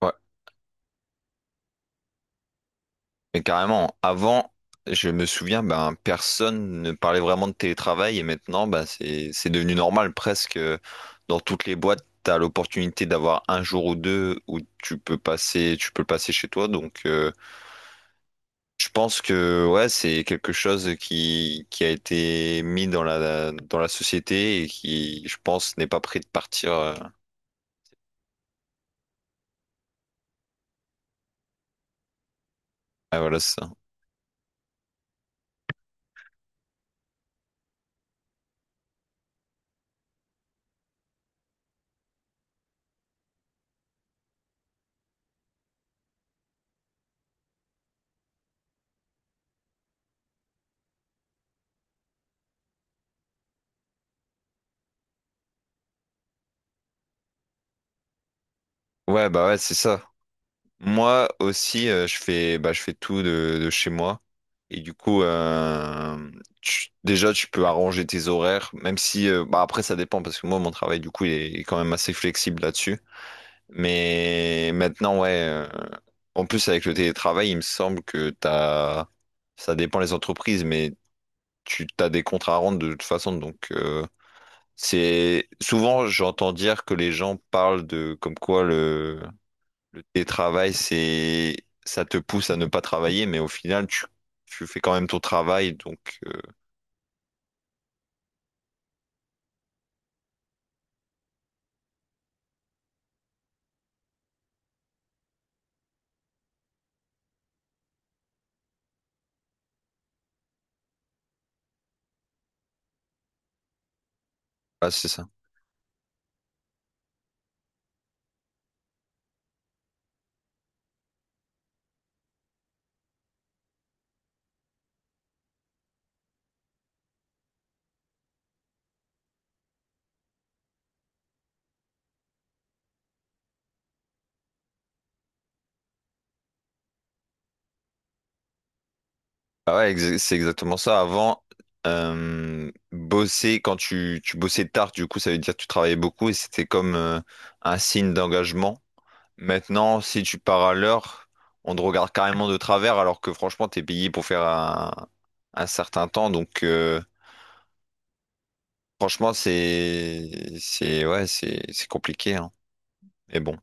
Ouais, mais carrément, avant, je me souviens, ben, personne ne parlait vraiment de télétravail et maintenant, ben, c'est devenu normal presque. Dans toutes les boîtes, tu as l'opportunité d'avoir un jour ou deux où tu peux passer, tu peux le passer chez toi. Donc, je pense que ouais, c'est quelque chose qui a été mis dans la société et qui, je pense, n'est pas prêt de partir. Ouais, voilà, c'est ça. Ouais, bah ouais, c'est ça. Moi aussi, je fais, bah, je fais tout de chez moi. Et du coup, déjà, tu peux arranger tes horaires, même si, bah, après, ça dépend, parce que moi, mon travail, du coup, il est quand même assez flexible là-dessus. Mais maintenant, ouais, en plus, avec le télétravail, il me semble que t'as, ça dépend les entreprises, mais tu t'as des contrats à rendre de toute façon. Donc, c'est souvent, j'entends dire que les gens parlent de comme quoi le télétravail, c'est, ça te pousse à ne pas travailler, mais au final, tu fais quand même ton travail, donc, ah, c'est ça. Ah ouais, c'est exactement ça. Avant, bosser, quand tu bossais tard, du coup, ça veut dire que tu travaillais beaucoup et c'était comme, un signe d'engagement. Maintenant, si tu pars à l'heure, on te regarde carrément de travers, alors que franchement, t'es payé pour faire un certain temps, donc, franchement, c'est, ouais, c'est compliqué, hein. Mais bon.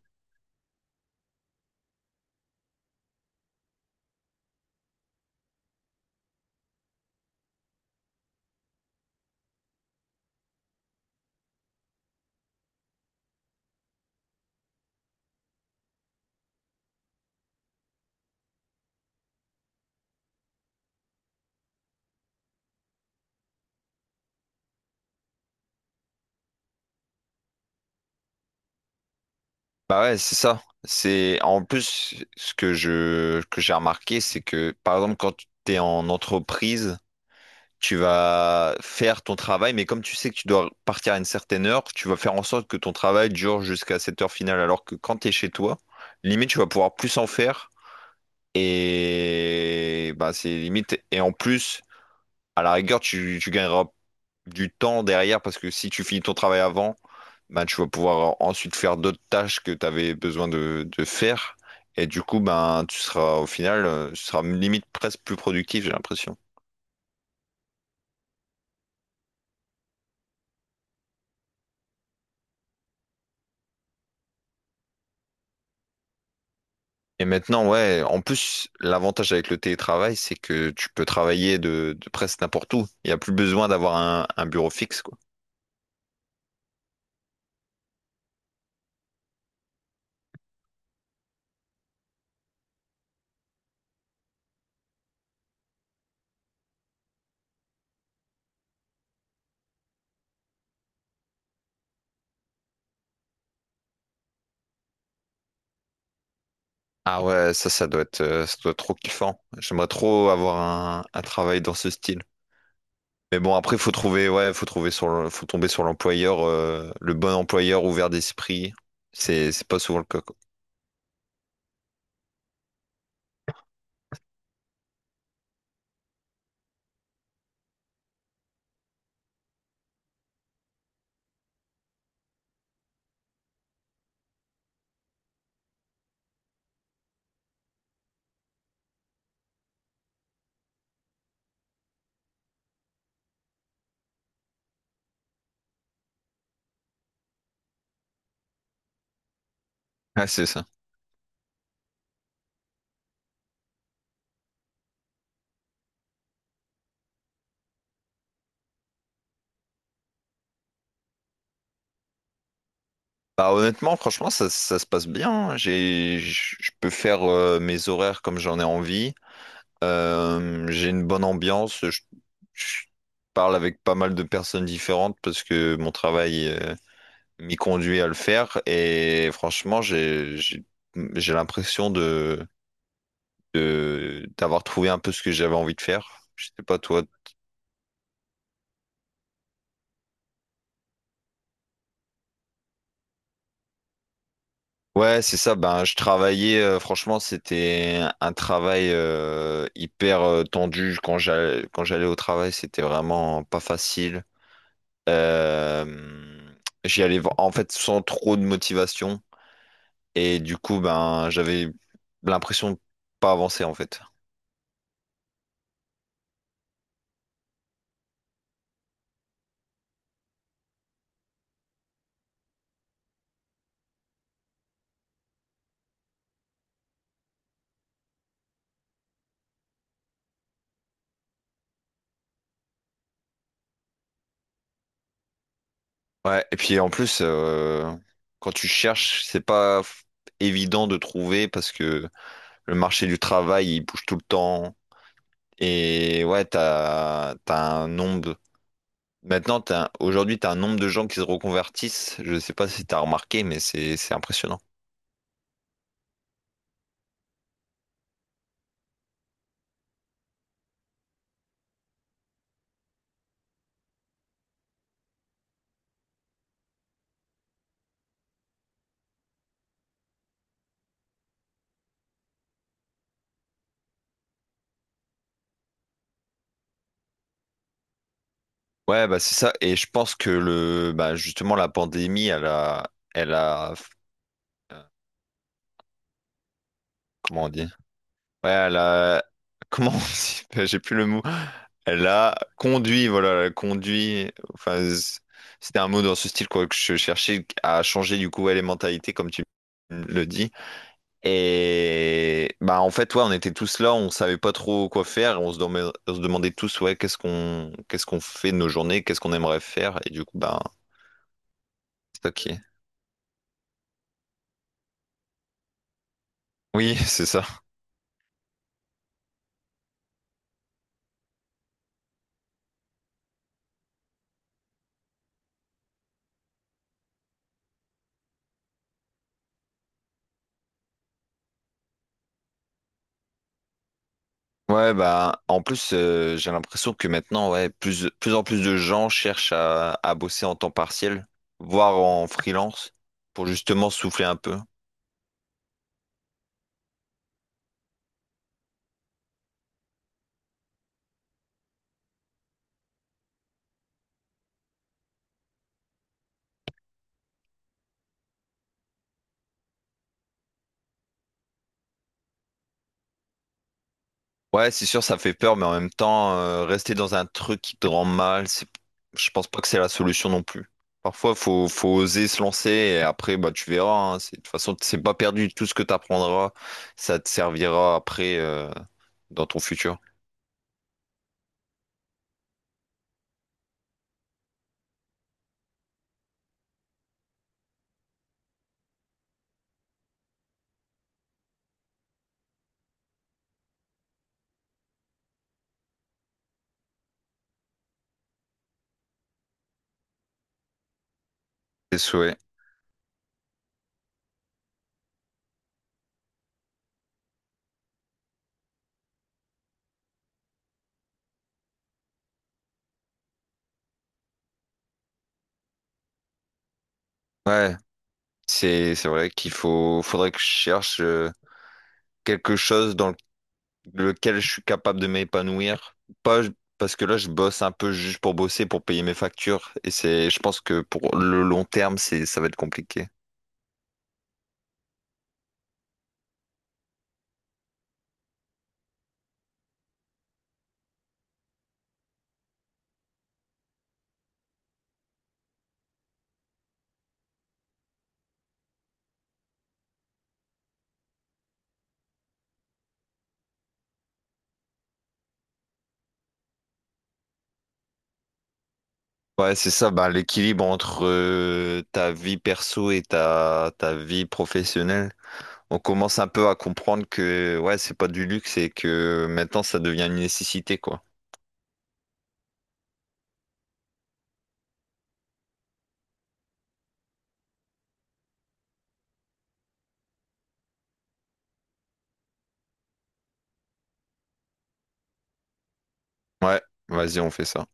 Bah ouais, c'est ça. C'est en plus ce que j'ai remarqué, c'est que par exemple quand tu es en entreprise, tu vas faire ton travail, mais comme tu sais que tu dois partir à une certaine heure, tu vas faire en sorte que ton travail dure jusqu'à cette heure finale, alors que quand tu es chez toi, limite tu vas pouvoir plus en faire et bah c'est limite et en plus à la rigueur tu, tu gagneras du temps derrière parce que si tu finis ton travail avant ben tu vas pouvoir ensuite faire d'autres tâches que tu avais besoin de faire. Et du coup, ben, tu seras au final, tu seras limite presque plus productif, j'ai l'impression. Et maintenant, ouais, en plus, l'avantage avec le télétravail, c'est que tu peux travailler de presque n'importe où. Il n'y a plus besoin d'avoir un bureau fixe, quoi. Ah ouais, ça, ça doit être trop kiffant. J'aimerais trop avoir un travail dans ce style. Mais bon, après, faut trouver, ouais, faut trouver sur, faut tomber sur l'employeur, le bon employeur ouvert d'esprit. C'est pas souvent le cas, quoi. Ouais, c'est ça. Bah, honnêtement, franchement, ça se passe bien, hein. J'ai, je peux faire mes horaires comme j'en ai envie. J'ai une bonne ambiance. Je parle avec pas mal de personnes différentes parce que mon travail m'y conduit à le faire. Et franchement, j'ai l'impression de, d'avoir trouvé un peu ce que j'avais envie de faire. Je sais pas toi. Ouais, c'est ça. Ben, je travaillais. Franchement, c'était un travail hyper tendu quand j'allais au travail. C'était vraiment pas facile. Euh, J'y allais en fait sans trop de motivation et du coup, ben, j'avais l'impression de pas avancer en fait. Ouais, et puis en plus, quand tu cherches, c'est pas évident de trouver parce que le marché du travail, il bouge tout le temps. Et ouais, t'as, t'as un nombre. Maintenant, t'as, aujourd'hui, t'as un nombre de gens qui se reconvertissent. Je sais pas si t'as remarqué, mais c'est impressionnant. Ouais, bah c'est ça. Et je pense que le, bah justement, la pandémie, euh, comment on dit? Ouais, elle a... Comment on dit? J'ai plus le mot. Elle a conduit, voilà, elle a conduit. Enfin, c'était un mot dans ce style, quoi, que je cherchais à changer, du coup, ouais, les mentalités, comme tu le dis. Et bah, en fait, ouais, on était tous là, on savait pas trop quoi faire, on se demandait tous, ouais, qu'est-ce qu'on fait de nos journées, qu'est-ce qu'on aimerait faire, et du coup, bah, c'est ok. Oui, c'est ça. Ouais, bah, en plus, j'ai l'impression que maintenant, ouais, plus en plus de gens cherchent à bosser en temps partiel, voire en freelance, pour justement souffler un peu. Ouais, c'est sûr, ça fait peur, mais en même temps, rester dans un truc qui te rend mal, c'est, je pense pas que c'est la solution non plus. Parfois, faut, faut oser se lancer et après, bah, tu verras, hein, c'est, de toute façon, c'est pas perdu. Tout ce que tu apprendras, ça te servira après, dans ton futur? Tes souhaits. Ouais, c'est vrai qu'il faut faudrait que je cherche quelque chose dans lequel je suis capable de m'épanouir. Pas parce que là je bosse un peu juste pour bosser, pour payer mes factures. Et c'est je pense que pour le long terme, c'est ça va être compliqué. Ouais, c'est ça, ben, l'équilibre entre ta vie perso et ta, ta vie professionnelle. On commence un peu à comprendre que ouais, c'est pas du luxe et que maintenant ça devient une nécessité, quoi. Ouais, vas-y, on fait ça.